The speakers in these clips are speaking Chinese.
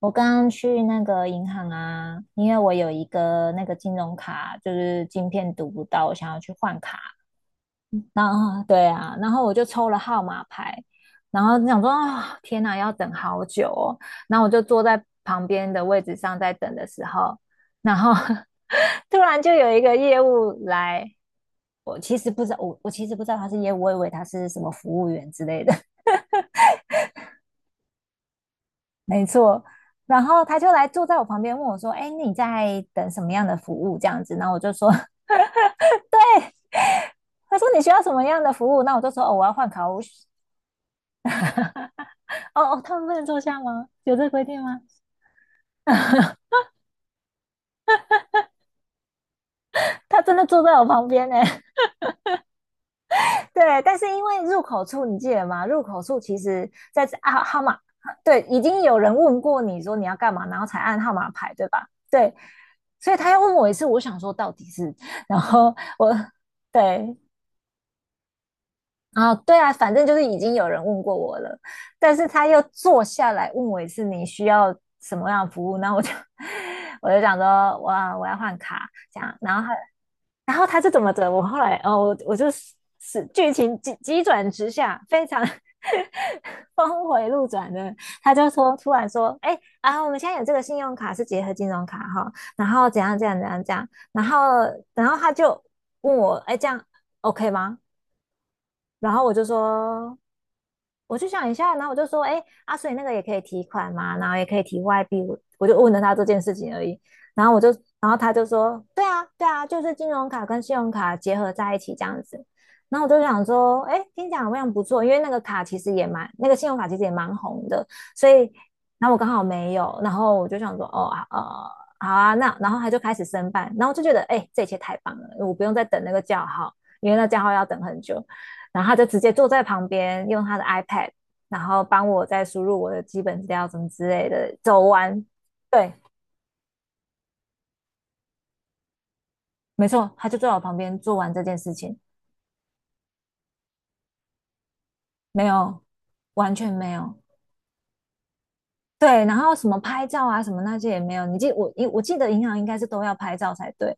我刚刚去那个银行啊，因为我有一个那个金融卡，就是晶片读不到，我想要去换卡。然后对啊，然后我就抽了号码牌，然后想说啊，天哪，要等好久哦。然后我就坐在旁边的位置上在等的时候，然后 突然就有一个业务来，我其实不知道，我其实不知道他是业务，我以为他是什么服务员之类的。没错。然后他就来坐在我旁边问我说：“哎，你在等什么样的服务？”这样子，然后我就说：“ 对。”他说你需要什么样的服务？”那我就说：“哦，我要换卡。”我哦哦，他们不能坐下吗？有这规定吗？他真的坐在我旁边呢。对，但是因为入口处，你记得吗？入口处其实在啊号码，对，已经有人问过你说你要干嘛，然后才按号码牌，对吧？对，所以他要问我一次，我想说到底是，然后我对，哦，对啊，反正就是已经有人问过我了，但是他又坐下来问我一次你需要什么样的服务，那我就 我就想说，哇，我要换卡这样，然后他是怎么着？我后来哦，我就是剧情急急转直下，非常 峰回路转的，他就说突然说，哎啊，我们现在有这个信用卡是结合金融卡哈，然后怎样怎样怎样怎样，然后他就问我，哎，这样 OK 吗？然后我就说。我就想一下，然后我就说，哎，阿水那个也可以提款嘛，然后也可以提外币，我就问了他这件事情而已。然后我就，然后他就说，对啊，对啊，就是金融卡跟信用卡结合在一起这样子。然后我就想说，哎，听起来好像不错，因为那个卡其实也蛮，那个信用卡其实也蛮红的，所以，然后我刚好没有，然后我就想说，哦，好啊，那然后他就开始申办，然后我就觉得，哎，这一切太棒了，我不用再等那个叫号，因为那叫号要等很久。然后他就直接坐在旁边，用他的 iPad，然后帮我再输入我的基本资料什么之类的，走完。对，没错，他就坐在我旁边做完这件事情，没有，完全没有。对，然后什么拍照啊，什么那些也没有。你记我，我记得银行应该是都要拍照才对，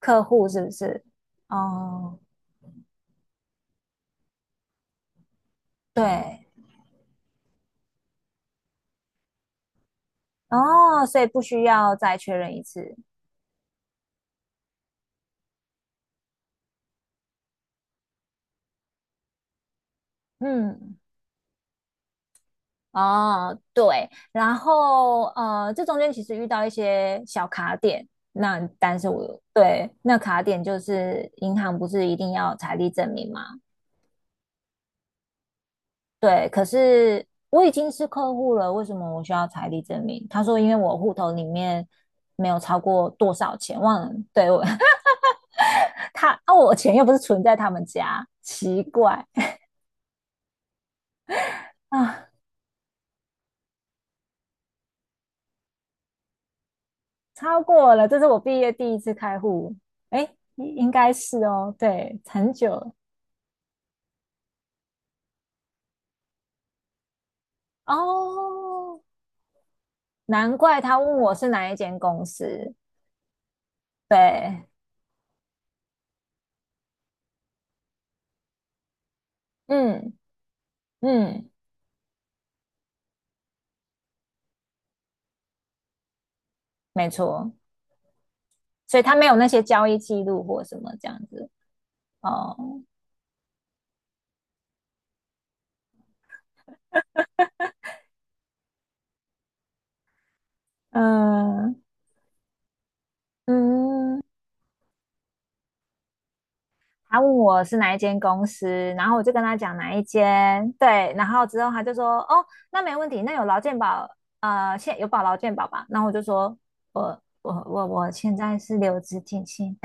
客户是不是？哦，对，哦，所以不需要再确认一次。嗯，哦，对，然后这中间其实遇到一些小卡点，那但是我对那卡点就是银行不是一定要财力证明吗？对，可是我已经是客户了，为什么我需要财力证明？他说因为我户头里面没有超过多少钱，忘了，对我 他啊，我钱又不是存在他们家，奇怪啊，超过了，这是我毕业第一次开户，诶，应该是哦，对，很久哦，难怪他问我是哪一间公司。对，嗯嗯，没错，所以他没有那些交易记录或什么这样子。哦，嗯嗯，他问我是哪一间公司，然后我就跟他讲哪一间。对，然后之后他就说，哦，那没问题，那有劳健保，现有保劳健保吧？然后我就说，我现在是留职停薪。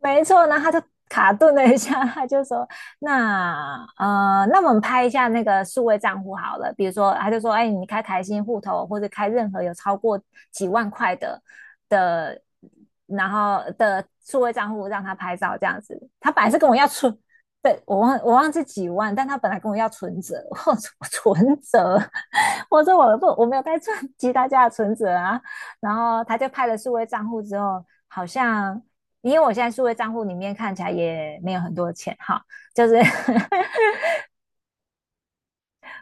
没错，然后他就卡顿了一下，他就说：“那那我们拍一下那个数位账户好了，比如说，他就说，哎，你开台新户头或者开任何有超过几万块的的，然后的数位账户让他拍照这样子。他本来是跟我要存，对，我忘记几万，但他本来跟我要存折，我说我存折，我说我没有在赚其他家的存折啊。然后他就拍了数位账户之后，好像。”因为我现在数位账户里面看起来也没有很多钱哈，就是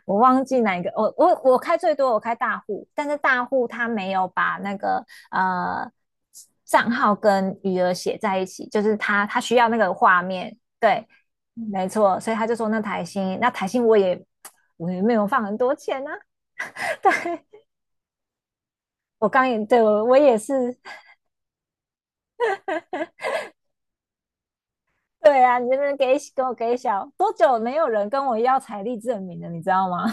我忘记哪一个，我开最多我开大户，但是大户他没有把那个呃账号跟余额写在一起，就是他需要那个画面，对，没错，所以他就说那台新，那台新我也没有放很多钱啊，对我刚也对我也是，对啊，你这边给我给小多久没有人跟我要财力证明了，你知道吗？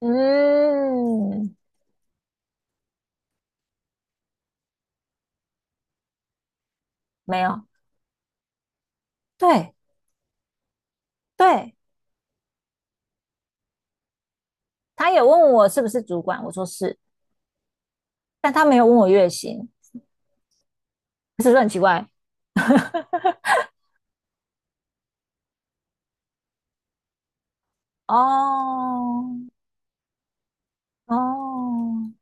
嗯，没有，对对，他也问我是不是主管，我说是，但他没有问我月薪，是不是很奇怪？哦哦，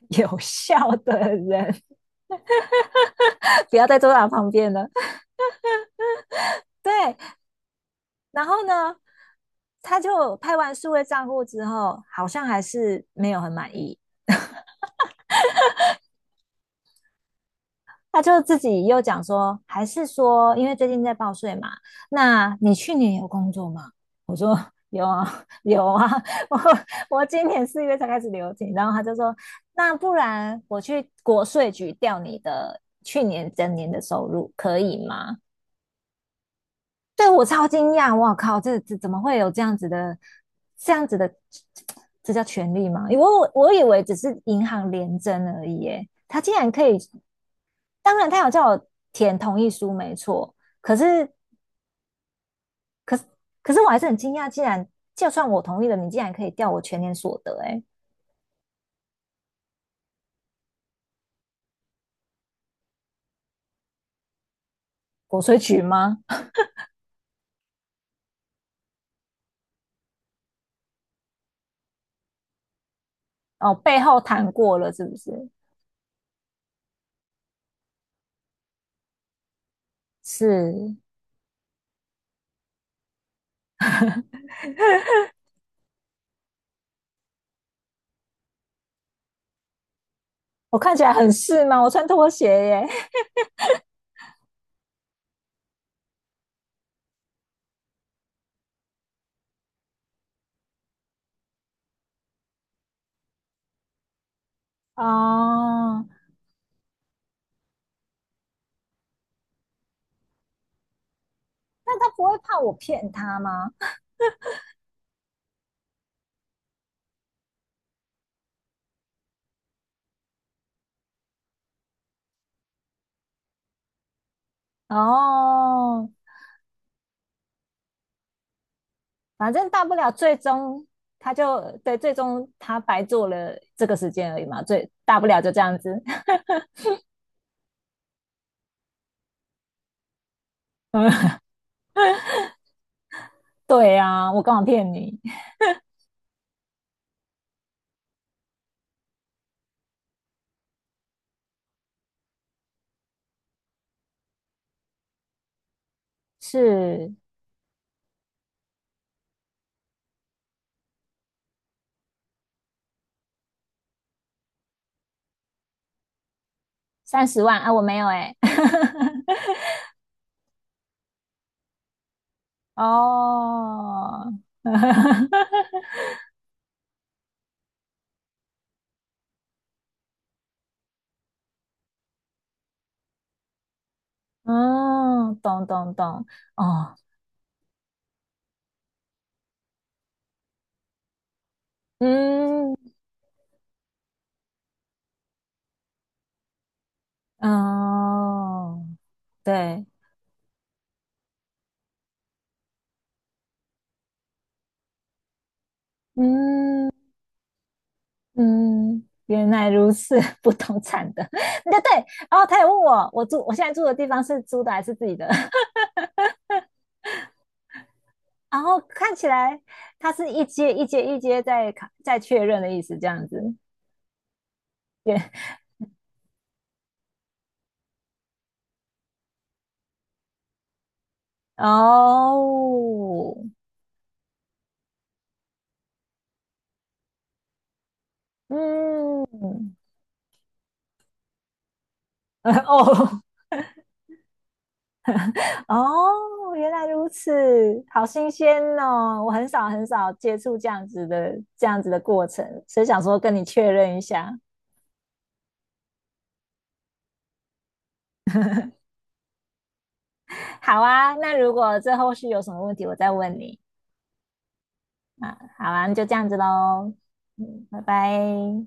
有效的人 不要再坐在他旁边了。对，然后呢，他就拍完数位账户之后，好像还是没有很满意。他就自己又讲说，还是说，因为最近在报税嘛，那你去年有工作吗？我说有啊，有啊，我我今年4月才开始留停，然后他就说，那不然我去国税局调你的去年整年的收入，可以吗？对我超惊讶，我靠，这怎么会有这样子的，这样子的，这叫权利吗？我以为只是银行联征而已，耶，他竟然可以当然他有叫我填同意书，没错。可是，可是，可是我还是很惊讶，竟然就算我同意了，你竟然可以调我全年所得，欸，哎，国税局吗？哦，背后谈过了是不是？是我看起来很是吗？我穿拖鞋耶。欸哦，那他不会怕我骗他吗？哦，反正大不了最终他就对，最终他白做了这个时间而已嘛，最大不了就这样子。对啊，我干嘛骗你？是30万啊，我没有哎，哦，嗯，懂懂懂，哦，嗯，哦，对，嗯嗯，原来如此，不同产的，对对，然后他也问我，我住我现在住的地方是租的还是自己的，然后看起来他是一阶一阶在卡在确认的意思，这样子，对，哦。嗯，哦哦，原来如此，好新鲜哦！我很少很少接触这样子的这样子的过程，所以想说跟你确认一下。好啊，那如果这后续有什么问题，我再问你。好啊，那就这样子喽。嗯，拜拜。